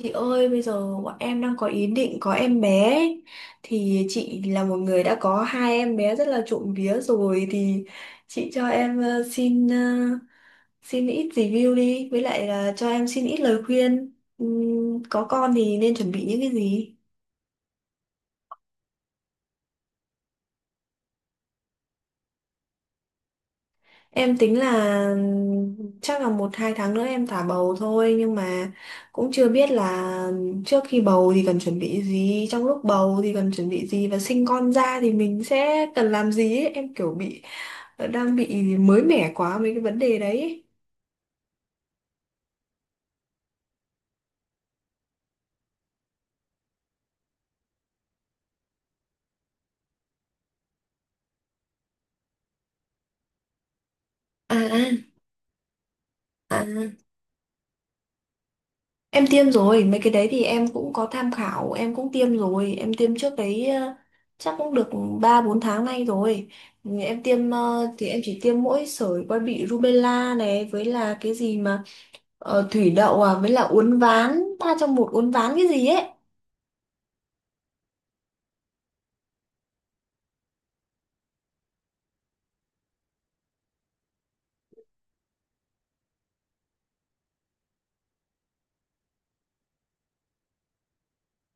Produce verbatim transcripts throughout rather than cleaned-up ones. Chị ơi, bây giờ bọn em đang có ý định có em bé ấy. Thì chị là một người đã có hai em bé rất là trộm vía rồi, thì chị cho em ờ, xin ờ, xin ít review, đi với lại là cho em xin ít lời khuyên. Ừm, có con thì nên chuẩn bị những cái gì? Em tính là chắc là một hai tháng nữa em thả bầu thôi, nhưng mà cũng chưa biết là trước khi bầu thì cần chuẩn bị gì, trong lúc bầu thì cần chuẩn bị gì, và sinh con ra thì mình sẽ cần làm gì ấy. Em kiểu bị đang bị mới mẻ quá mấy cái vấn đề đấy. ấy. À, à. Em tiêm rồi, mấy cái đấy thì em cũng có tham khảo, em cũng tiêm rồi, em tiêm trước đấy ờ, chắc cũng được ba bốn tháng nay rồi. Ừ, em tiêm ờ, thì em chỉ tiêm mỗi sởi quai bị rubella này với là cái gì mà ờ, thủy đậu, à với là uốn ván, ba trong một uốn ván cái gì ấy.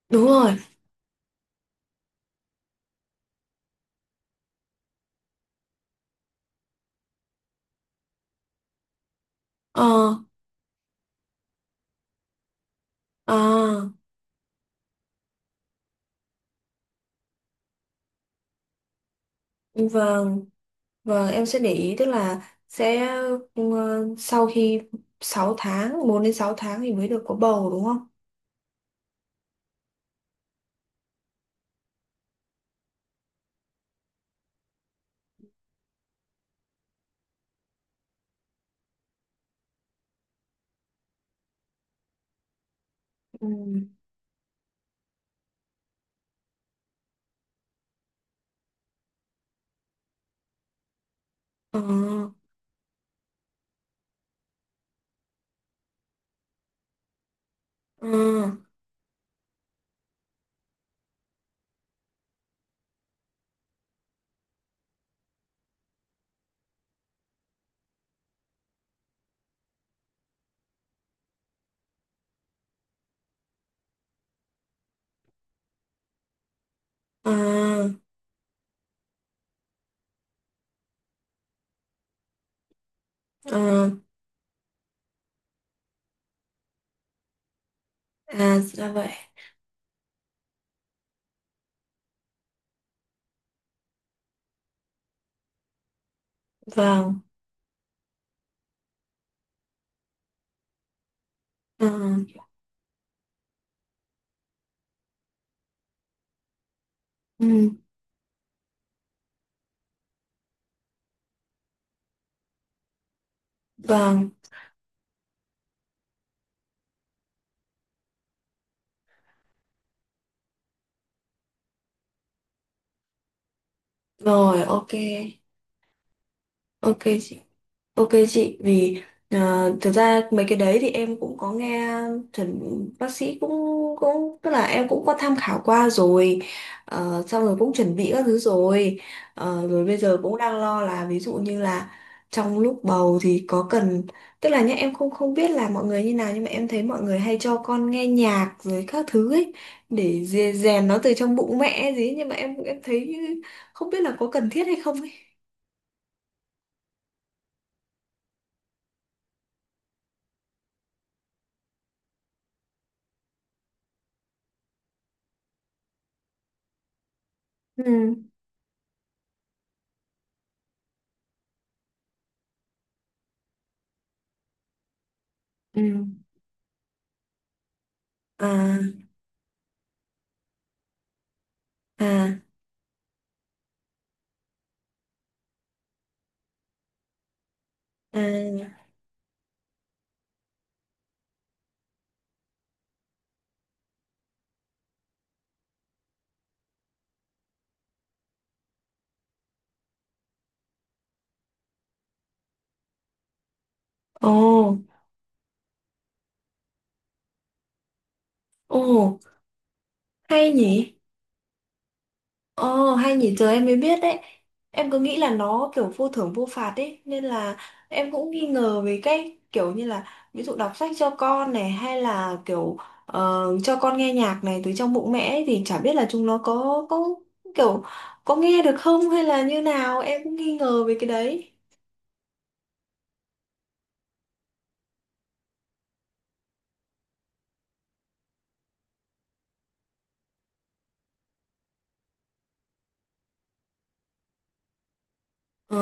Đúng rồi. Ờ À, vâng, vâng, em sẽ để ý tức là sẽ ờ, sau khi sáu tháng, bốn đến sáu tháng thì mới được có bầu, đúng không? Ừ. Ờ. Ừ. À, à, à, ra vậy. Vâng. À, ừ, vâng. Rồi, ok. Ok chị. Ok chị, vì à, thực ra mấy cái đấy thì em cũng có nghe chuẩn, bác sĩ cũng cũng tức là em cũng có tham khảo qua rồi. Ờ, xong rồi cũng chuẩn bị các thứ rồi. Ờ, rồi bây giờ cũng đang lo là ví dụ như là trong lúc bầu thì có cần, tức là nhá, em không không biết là mọi người như nào, nhưng mà em thấy mọi người hay cho con nghe nhạc rồi các thứ ấy để dè- rèn nó từ trong bụng mẹ gì ấy. Nhưng mà em em thấy như- không biết là có cần thiết hay không ấy. Ừ. Ừ. À, à. À, ồ, ồ, hay nhỉ? Ồ, hay nhỉ, giờ em mới biết đấy. Em cứ nghĩ là nó kiểu vô thưởng vô phạt ấy, nên là em cũng nghi ngờ về cái kiểu như là ví dụ đọc sách cho con này hay là kiểu ờ, cho con nghe nhạc này từ trong bụng mẹ ấy, thì chả biết là chúng nó có có kiểu có nghe được không hay là như nào, em cũng nghi ngờ về cái đấy. Ờ,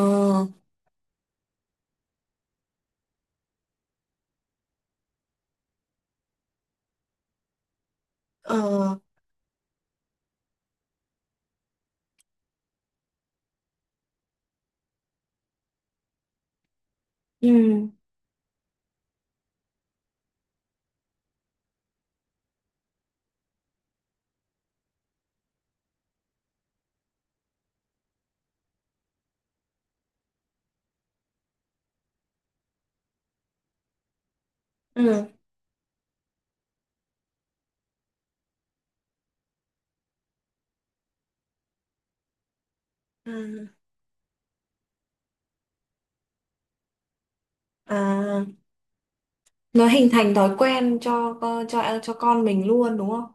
ờ, ừ, ừ, ừ, à. Nó hình thành thói quen cho co- cho ờ, cho con mình luôn, đúng không?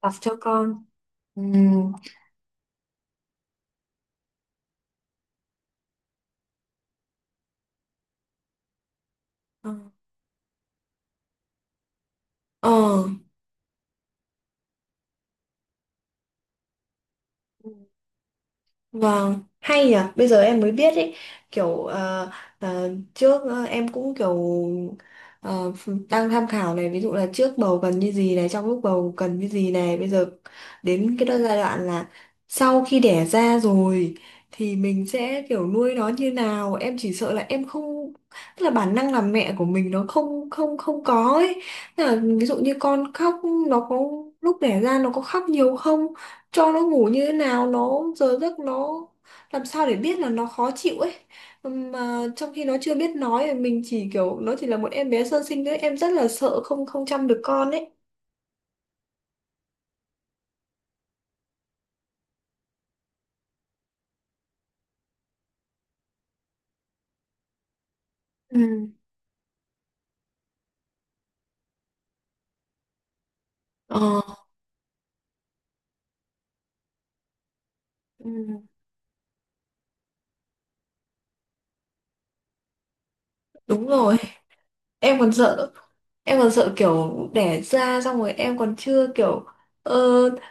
Tập cho con. Ừ. ờ Ờ. Vâng, hay nhỉ, bây giờ em mới biết ấy, kiểu ờ, ờ, trước ờ, em cũng kiểu ờ, đang tham khảo này, ví dụ là trước bầu cần như gì này, trong lúc bầu cần như gì này, bây giờ đến cái giai đoạn là sau khi đẻ ra rồi thì mình sẽ kiểu nuôi nó như nào. Em chỉ sợ là em không tức là bản năng làm mẹ của mình nó không không không có ấy. Tức là ví dụ như con khóc nó có lúc đẻ ra nó có khóc nhiều không? Cho nó ngủ như thế nào, nó giờ giấc nó làm sao để biết là nó khó chịu ấy, mà trong khi nó chưa biết nói, mình chỉ kiểu nó chỉ là một em bé sơ sinh thôi, em rất là sợ không không chăm được con ấy. Ừ. ờ Ừ. Đúng rồi, em còn sợ em còn sợ kiểu đẻ ra xong rồi, em còn chưa kiểu ờ,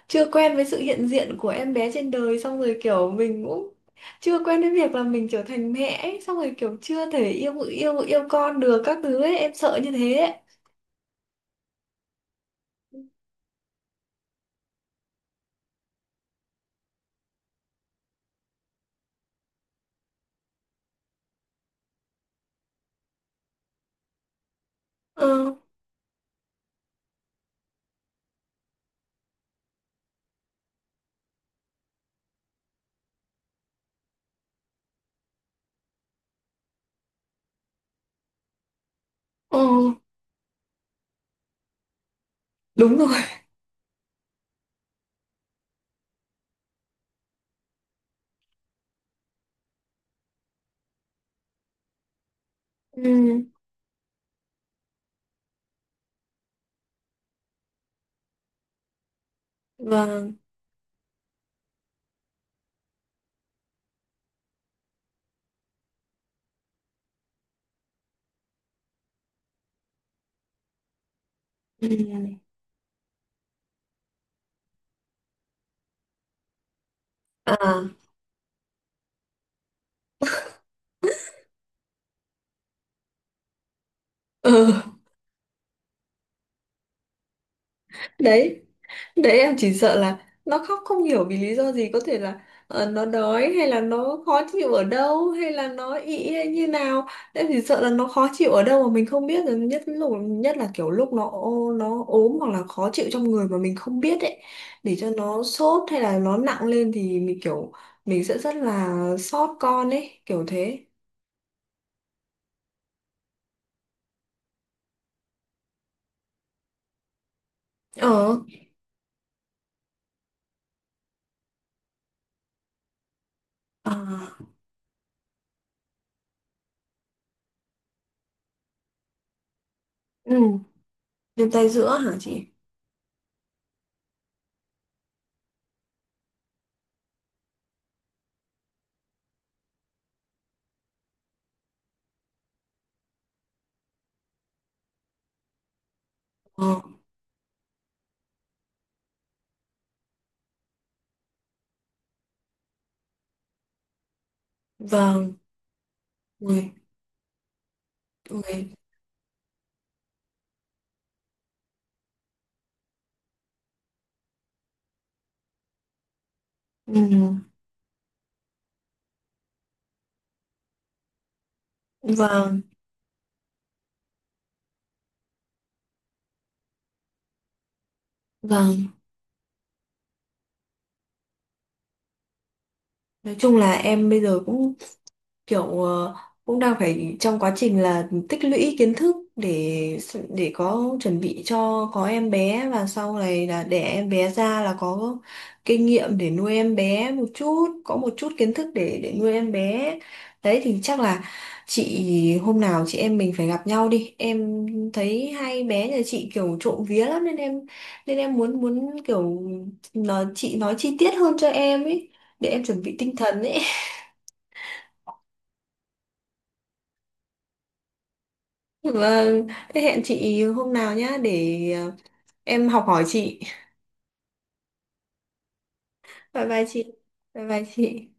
chưa quen với sự hiện diện của em bé trên đời, xong rồi kiểu mình cũng chưa quen với việc là mình trở thành mẹ ấy, xong rồi kiểu chưa thể yêu vợ- yêu vợ- yêu con được các thứ ấy, em sợ như thế ấy. Ừ, ừ, đúng rồi. Ừ, vâng. Ừ. À, ừ, đấy. Đấy, em chỉ sợ là nó khóc không hiểu vì lý do gì, có thể là ờ, nó đói hay là nó khó chịu ở đâu hay là nó ị hay như nào. Em chỉ sợ là nó khó chịu ở đâu mà mình không biết, rồi nhất lúc nhất là kiểu lúc nó ô- nó ốm hoặc là khó chịu trong người mà mình không biết ấy, để cho nó sốt hay là nó nặng lên thì mình kiểu mình sẽ rất là xót con ấy, kiểu thế. ờ À, ừ, viêm tay giữa hả chị? ờ vâng. Ui, ui. Ừ, vâng, vâng. Nói chung là em bây giờ cũng kiểu ờ, cũng đang phải trong quá trình là tích lũy kiến thức để để có chuẩn bị cho có em bé, và sau này là để em bé ra là có kinh nghiệm để nuôi em bé một chút, có một chút kiến thức để để nuôi em bé. Đấy thì chắc là chị, hôm nào chị em mình phải gặp nhau đi. Em thấy hai bé nhà chị kiểu trộm vía lắm, nên em nên em muốn muốn kiểu nói chị nói chi tiết hơn cho em ấy, để em chuẩn bị tinh thần ấy. Vâng, thế hẹn chị hôm nào nhá, để ờ, em học hỏi chị. Bye bye chị. Bye bye chị.